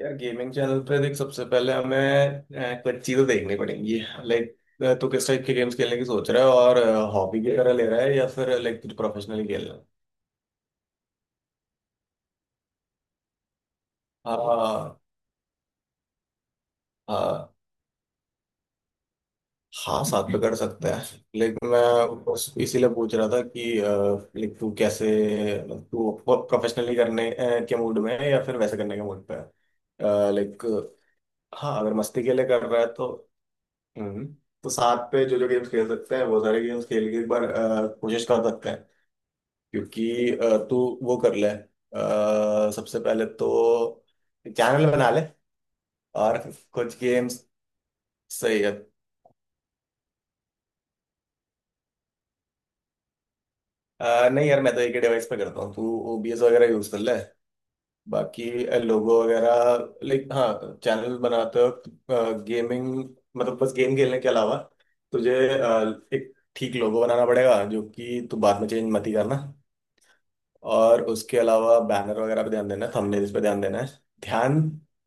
यार gaming channel पे देख, सबसे पहले हमें कुछ चीजें देखनी पड़ेंगी। लाइक तू किस टाइप के गेम्स खेलने की सोच रहा है, और हॉबी की तरह ले रहा है या फिर लाइक तुझे प्रोफेशनली खेलना है? हाँ। हाँ। हाँ, साथ में कर सकते हैं। लेकिन मैं इसीलिए पूछ रहा था कि लाइक तू कैसे, तू प्रोफेशनली करने के मूड में है या फिर वैसे करने के मूड पे है, लाइक। हाँ, अगर मस्ती के लिए कर रहा है तो। हम्म। तो साथ पे जो जो गेम्स खेल सकते हैं वो सारे गेम्स खेल के एक बार कोशिश कर सकते हैं। क्योंकि तू वो कर ले, सबसे पहले तो चैनल बना ले। और कुछ गेम्स। सही है। नहीं यार, मैं तो एक ही डिवाइस पे करता हूँ। तू ओबीएस वगैरह यूज कर ले। बाकी लोगो वगैरह, लाइक, हाँ, चैनल बनाते वक्त गेमिंग, मतलब बस गेम खेलने के अलावा तुझे एक ठीक लोगो बनाना पड़ेगा जो कि तू बाद में चेंज मत ही करना। और उसके अलावा बैनर वगैरह पे ध्यान देना है, थंबनेल्स पे ध्यान देना है। ध्यान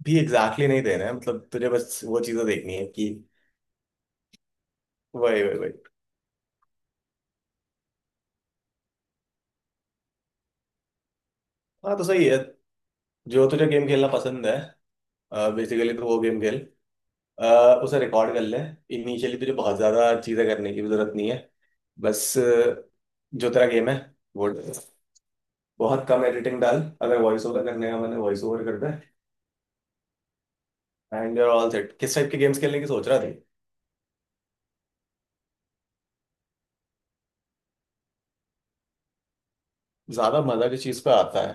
भी एग्जैक्टली exactly नहीं देना है, मतलब तुझे बस वो चीज़ें देखनी है कि। वही वही वही। हाँ तो सही है, जो तुझे गेम खेलना पसंद है बेसिकली तो वो गेम खेल। अ, उसे रिकॉर्ड कर ले। इनिशियली तुझे बहुत ज़्यादा चीज़ें करने की भी ज़रूरत नहीं है। बस जो तेरा गेम है वो, बहुत कम एडिटिंग डाल, अगर वॉइस ओवर करने का मैंने वॉइस ओवर कर दे, and you are all set. किस टाइप के गेम्स खेलने की सोच रहा थी? ज़्यादा मज़ा किस चीज़ पे आता है?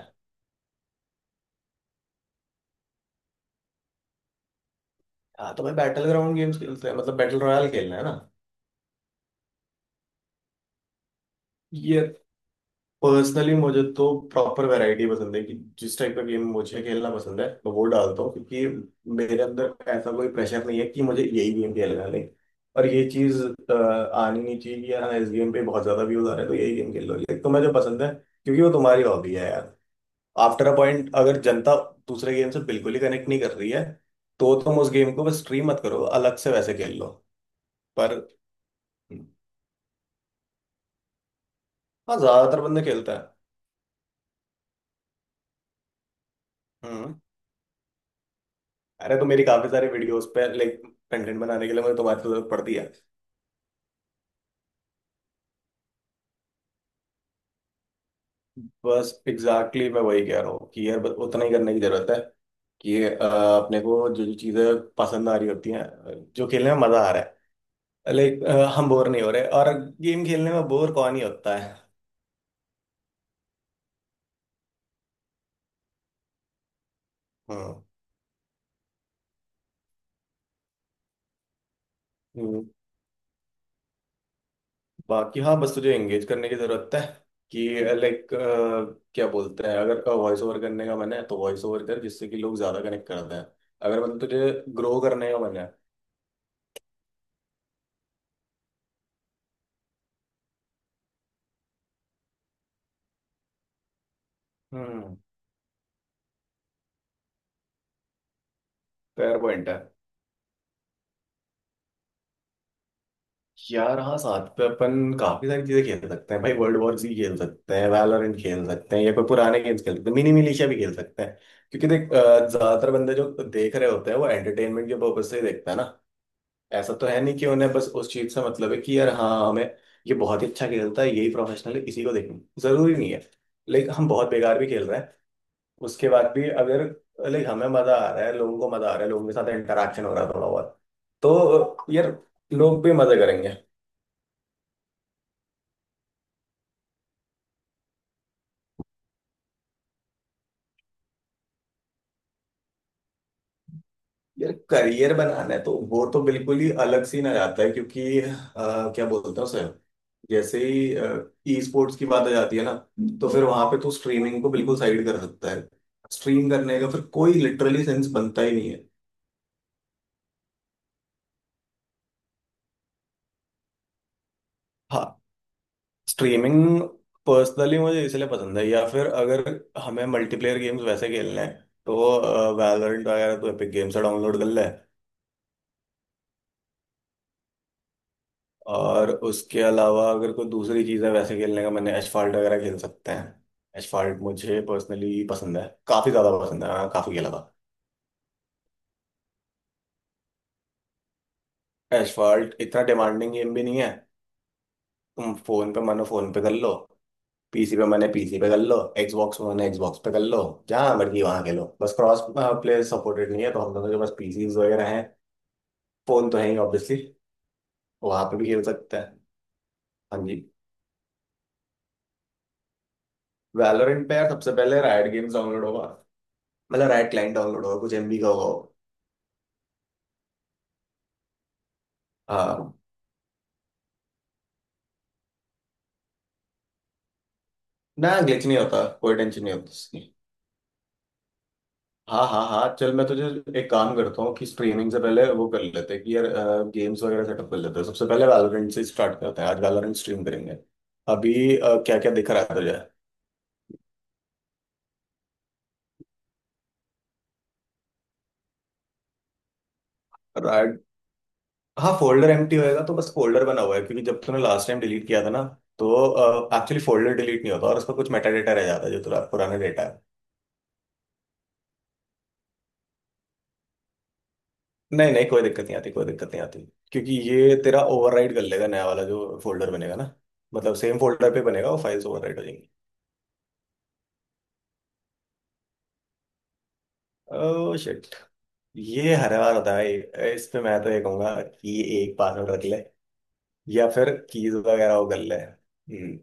हाँ तो मैं, बैटल ग्राउंड गेम्स खेलते हैं मतलब बैटल रॉयल खेलना है ना। ये पर्सनली मुझे तो प्रॉपर वैरायटी पसंद है, कि जिस टाइप का गेम मुझे खेलना पसंद है मैं वो डालता हूँ, क्योंकि मेरे अंदर ऐसा कोई प्रेशर नहीं है कि मुझे यही गेम खेलना है, नहीं। और ये चीज आनी नहीं चाहिए कि यार, हाँ, इस गेम पे बहुत ज्यादा व्यूज आ रहे हैं तो यही गेम खेल लो, लेकिन तुम्हें जो पसंद है क्योंकि वो तुम्हारी हॉबी है यार। आफ्टर अ पॉइंट अगर जनता दूसरे गेम से बिल्कुल ही कनेक्ट नहीं कर रही है तो तुम उस गेम को बस स्ट्रीम मत करो, अलग से वैसे खेल लो। पर, हाँ, ज्यादातर बंदे खेलता है। हम्म। अरे तो मेरी काफी सारी वीडियोस पे, लाइक, कंटेंट बनाने के लिए मुझे तुम्हारी जरूरत पड़ती है। बस एग्जैक्टली exactly मैं वही कह रहा हूँ कि यार बस उतना ही करने की जरूरत है, कि अपने को जो जो चीजें पसंद आ रही होती हैं, जो खेलने में मजा आ रहा है, लाइक, हम बोर नहीं हो रहे, और गेम खेलने में बोर कौन ही होता है। हम्म। बाकी हाँ, बस तुझे एंगेज करने की जरूरत है, कि लाइक क्या बोलते हैं, अगर वॉइस ओवर करने का मन है तो वॉइस ओवर कर, जिससे कि लोग ज्यादा कनेक्ट करते हैं, अगर मतलब तुझे ग्रो करने का मन है। हम्म। फेयर पॉइंट है। यार हाँ साथ पे अपन काफी सारी चीजें खेल सकते हैं भाई, वर्ल्ड वॉर जी खेल सकते हैं, वैलोरेंट खेल सकते हैं, या कोई पुराने गेम्स खेल सकते हैं, मिनी मिलिशिया भी खेल सकते हैं। क्योंकि देख, ज्यादातर बंदे जो देख रहे होते हैं वो एंटरटेनमेंट के पर्पज से ही देखते हैं ना। ऐसा तो है नहीं कि उन्हें बस उस चीज से मतलब है कि यार हाँ हमें, ये बहुत ही अच्छा खेलता है यही प्रोफेशनल है, इसी को देखना जरूरी नहीं है। लाइक हम बहुत बेकार भी खेल रहे हैं, उसके बाद भी अगर, लाइक, हमें मजा आ रहा है, लोगों को मजा आ रहा है, लोगों के साथ इंटरेक्शन हो रहा है थोड़ा बहुत, तो यार लोग भी मजे करेंगे। यार करियर बनाना है तो वो तो बिल्कुल ही अलग सीन आ जाता है, क्योंकि क्या बोलते हैं उसे, जैसे ही ई स्पोर्ट्स की बात आ जाती है ना, तो फिर वहां पे तू स्ट्रीमिंग को बिल्कुल साइड कर सकता है, स्ट्रीम करने का फिर कोई लिटरली सेंस बनता ही नहीं है। हाँ। स्ट्रीमिंग पर्सनली मुझे इसलिए पसंद है, या फिर अगर हमें मल्टीप्लेयर गेम्स वैसे खेलने हैं तो वैलोरेंट वगैरह तो एपिक गेम्स से डाउनलोड कर ले। और उसके अलावा अगर कोई दूसरी चीज़ है वैसे खेलने का, मैंने एसफॉल्ट वगैरह खेल सकते हैं। एसफॉल्ट मुझे पर्सनली पसंद है, काफ़ी ज़्यादा पसंद है, हाँ, काफ़ी खेला था। एसफॉल्ट इतना डिमांडिंग गेम भी नहीं है। तुम फ़ोन पे मानो फ़ोन पे कर लो, पीसी पे मैंने पीसी पे कर लो, Xbox पे मैंने Xbox पे कर लो। जहाँ मर्जी वहाँ खेलो, बस क्रॉस प्ले सपोर्टेड नहीं है, तो हम लोगों के पास पीसीज वगैरह हैं, फ़ोन तो है ही ऑब्वियसली, वहाँ पे भी खेल सकते हैं। हाँ जी। वैलोरेंट पे यार सबसे पहले रायट गेम्स डाउनलोड होगा, मतलब रायट क्लाइंट डाउनलोड होगा, कुछ एमबी का होगा वो। हाँ। ना, ग्लिच नहीं होता, कोई टेंशन नहीं होती इसकी। हाँ हाँ हाँ, चल मैं तुझे एक काम करता हूँ कि स्ट्रीमिंग से पहले वो कर लेते हैं कि यार गेम्स वगैरह सेटअप कर लेते हैं, सबसे पहले वैलोरेंट से स्टार्ट करते हैं, आज वैलोरेंट स्ट्रीम करेंगे अभी। क्या क्या दिख रहा है तुझे? राइट। हाँ फोल्डर एम्प्टी होएगा तो, बस फोल्डर बना हुआ है क्योंकि जब तूने लास्ट टाइम डिलीट किया था ना, तो एक्चुअली फोल्डर डिलीट नहीं होता और उसका कुछ मेटा डेटा रह जाता है जो तेरा पुराना डेटा है। नहीं नहीं, कोई दिक्कत नहीं आती, कोई दिक्कत नहीं आती। क्योंकि ये तेरा ओवरराइड कर लेगा, नया वाला जो फोल्डर बनेगा ना, मतलब सेम फोल्डर पे बनेगा वो, फाइल्स ओवरराइड हो जाएंगी। ओह शिट, ये हर बार होता है। इस पे मैं तो ये कहूंगा कि एक पासवर्ड रख ले, या फिर कीज वगैरह वो कर ले। हम्म।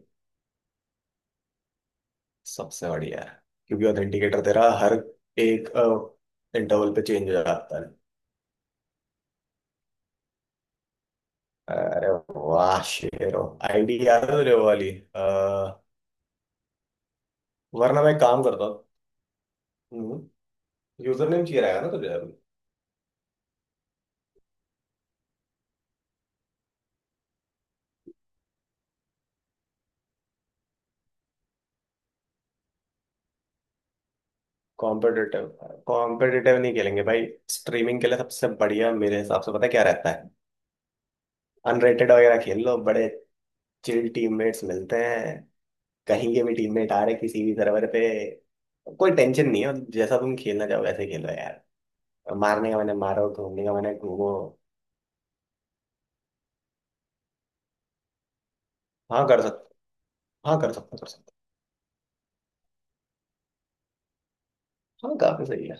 सबसे बढ़िया है, क्योंकि ऑथेंटिकेटर तेरा हर एक इंटरवल पे चेंज हो जाता है। अरे वाह शेरो, आईडी याद है तुझे वो वाली? अ, वरना मैं एक काम करता हूँ, यूजर नेम चाहिए रहेगा ना तुझे। कॉम्पिटिटिव। कॉम्पिटिटिव नहीं खेलेंगे भाई, स्ट्रीमिंग के लिए सबसे बढ़िया मेरे हिसाब से पता क्या रहता है, अनरेटेड वगैरह खेल लो, बड़े चिल टीममेट्स मिलते हैं, कहीं के भी टीममेट आ रहे किसी भी सर्वर पे, कोई टेंशन नहीं है, मतलब जैसा तुम खेलना चाहो वैसे खेलो यार, मारने का मैंने मारो, घूमने का मैंने घूमो। हाँ कर सकते। हाँ कर सकते कर सकते। हाँ काफी सही है।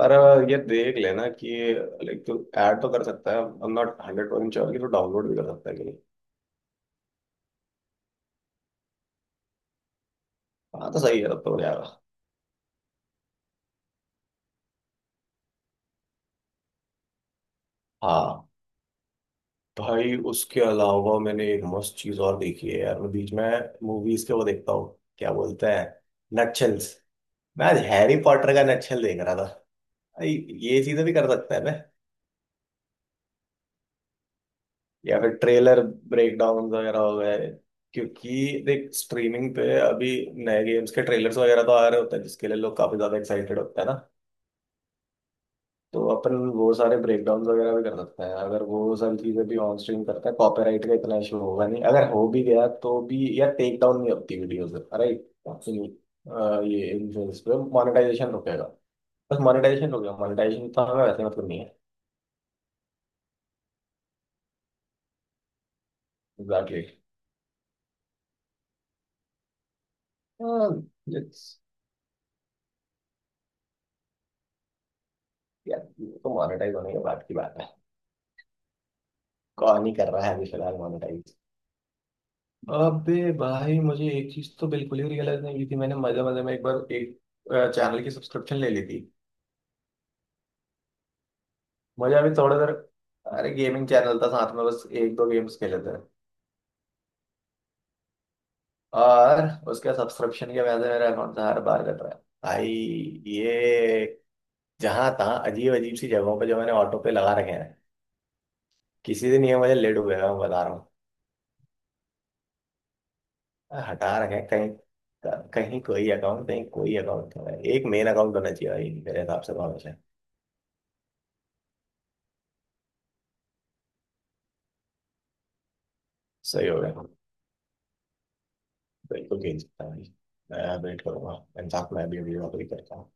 पर ये देख लेना कि लाइक तू ऐड तो कर सकता है, I am not hundred percent sure कि तू डाउनलोड भी कर सकता है कि नहीं। हाँ तो सही है, तब तो हो जाएगा। हाँ। भाई उसके अलावा मैंने एक मस्त चीज और देखी है यार, मैं बीच में मूवीज के वो देखता हूँ, क्या बोलते हैं, नटशेल्स। मैं आज हैरी पॉटर का नटशेल देख रहा था भाई, ये चीजें भी कर सकते हैं ना, या फिर ट्रेलर ब्रेकडाउन वगैरह हो गए। क्योंकि देख स्ट्रीमिंग पे अभी नए गेम्स के ट्रेलर्स वगैरह तो आ रहे होते हैं जिसके लिए लोग काफी ज्यादा एक्साइटेड होते हैं ना, तो अपन वो सारे ब्रेकडाउन वगैरह भी कर सकते हैं। अगर वो सारी चीजें भी ऑन स्ट्रीम करता है, कॉपीराइट का इतना इशू होगा नहीं, अगर हो भी गया तो भी यार टेक डाउन नहीं होती वीडियो, से राइट ये इन्फ्लुएंस पे मोनेटाइजेशन रुकेगा, बस मोनेटाइजेशन रुकेगा, मोनेटाइजेशन तो हमें वैसे मतलब नहीं है। एग्जैक्टली। यार ये तो मोनेटाइज होने के बाद की बात है, कौन ही कर रहा है अभी फिलहाल मोनेटाइज। अबे भाई, मुझे एक चीज तो बिल्कुल ही रियलाइज नहीं की थी, मैंने मजे मजे में एक बार एक चैनल की सब्सक्रिप्शन ले ली थी। मुझे अभी थोड़ा देर, अरे गेमिंग चैनल था, साथ में बस एक दो गेम्स खेले थे। और उसके सब्सक्रिप्शन के वजह से मेरा अकाउंट हर बार कट रहा है भाई, ये जहां तहाँ अजीब अजीब सी जगहों पे जो मैंने ऑटो पे लगा रखे हैं, किसी दिन ये मुझे लेट हुएगा, मैं बता रहा हूँ। हटा रखे हैं कहीं कहीं कोई अकाउंट, कहीं कोई अकाउंट नहीं, एक मेन अकाउंट होना चाहिए भाई मेरे हिसाब से तो, से सही होगा। बिल्कुल खेल सकता हूँ भाई। मैं वेट करूंगा इंसाफ, मैं भी अभी नौकरी करता हूँ।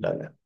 डन है।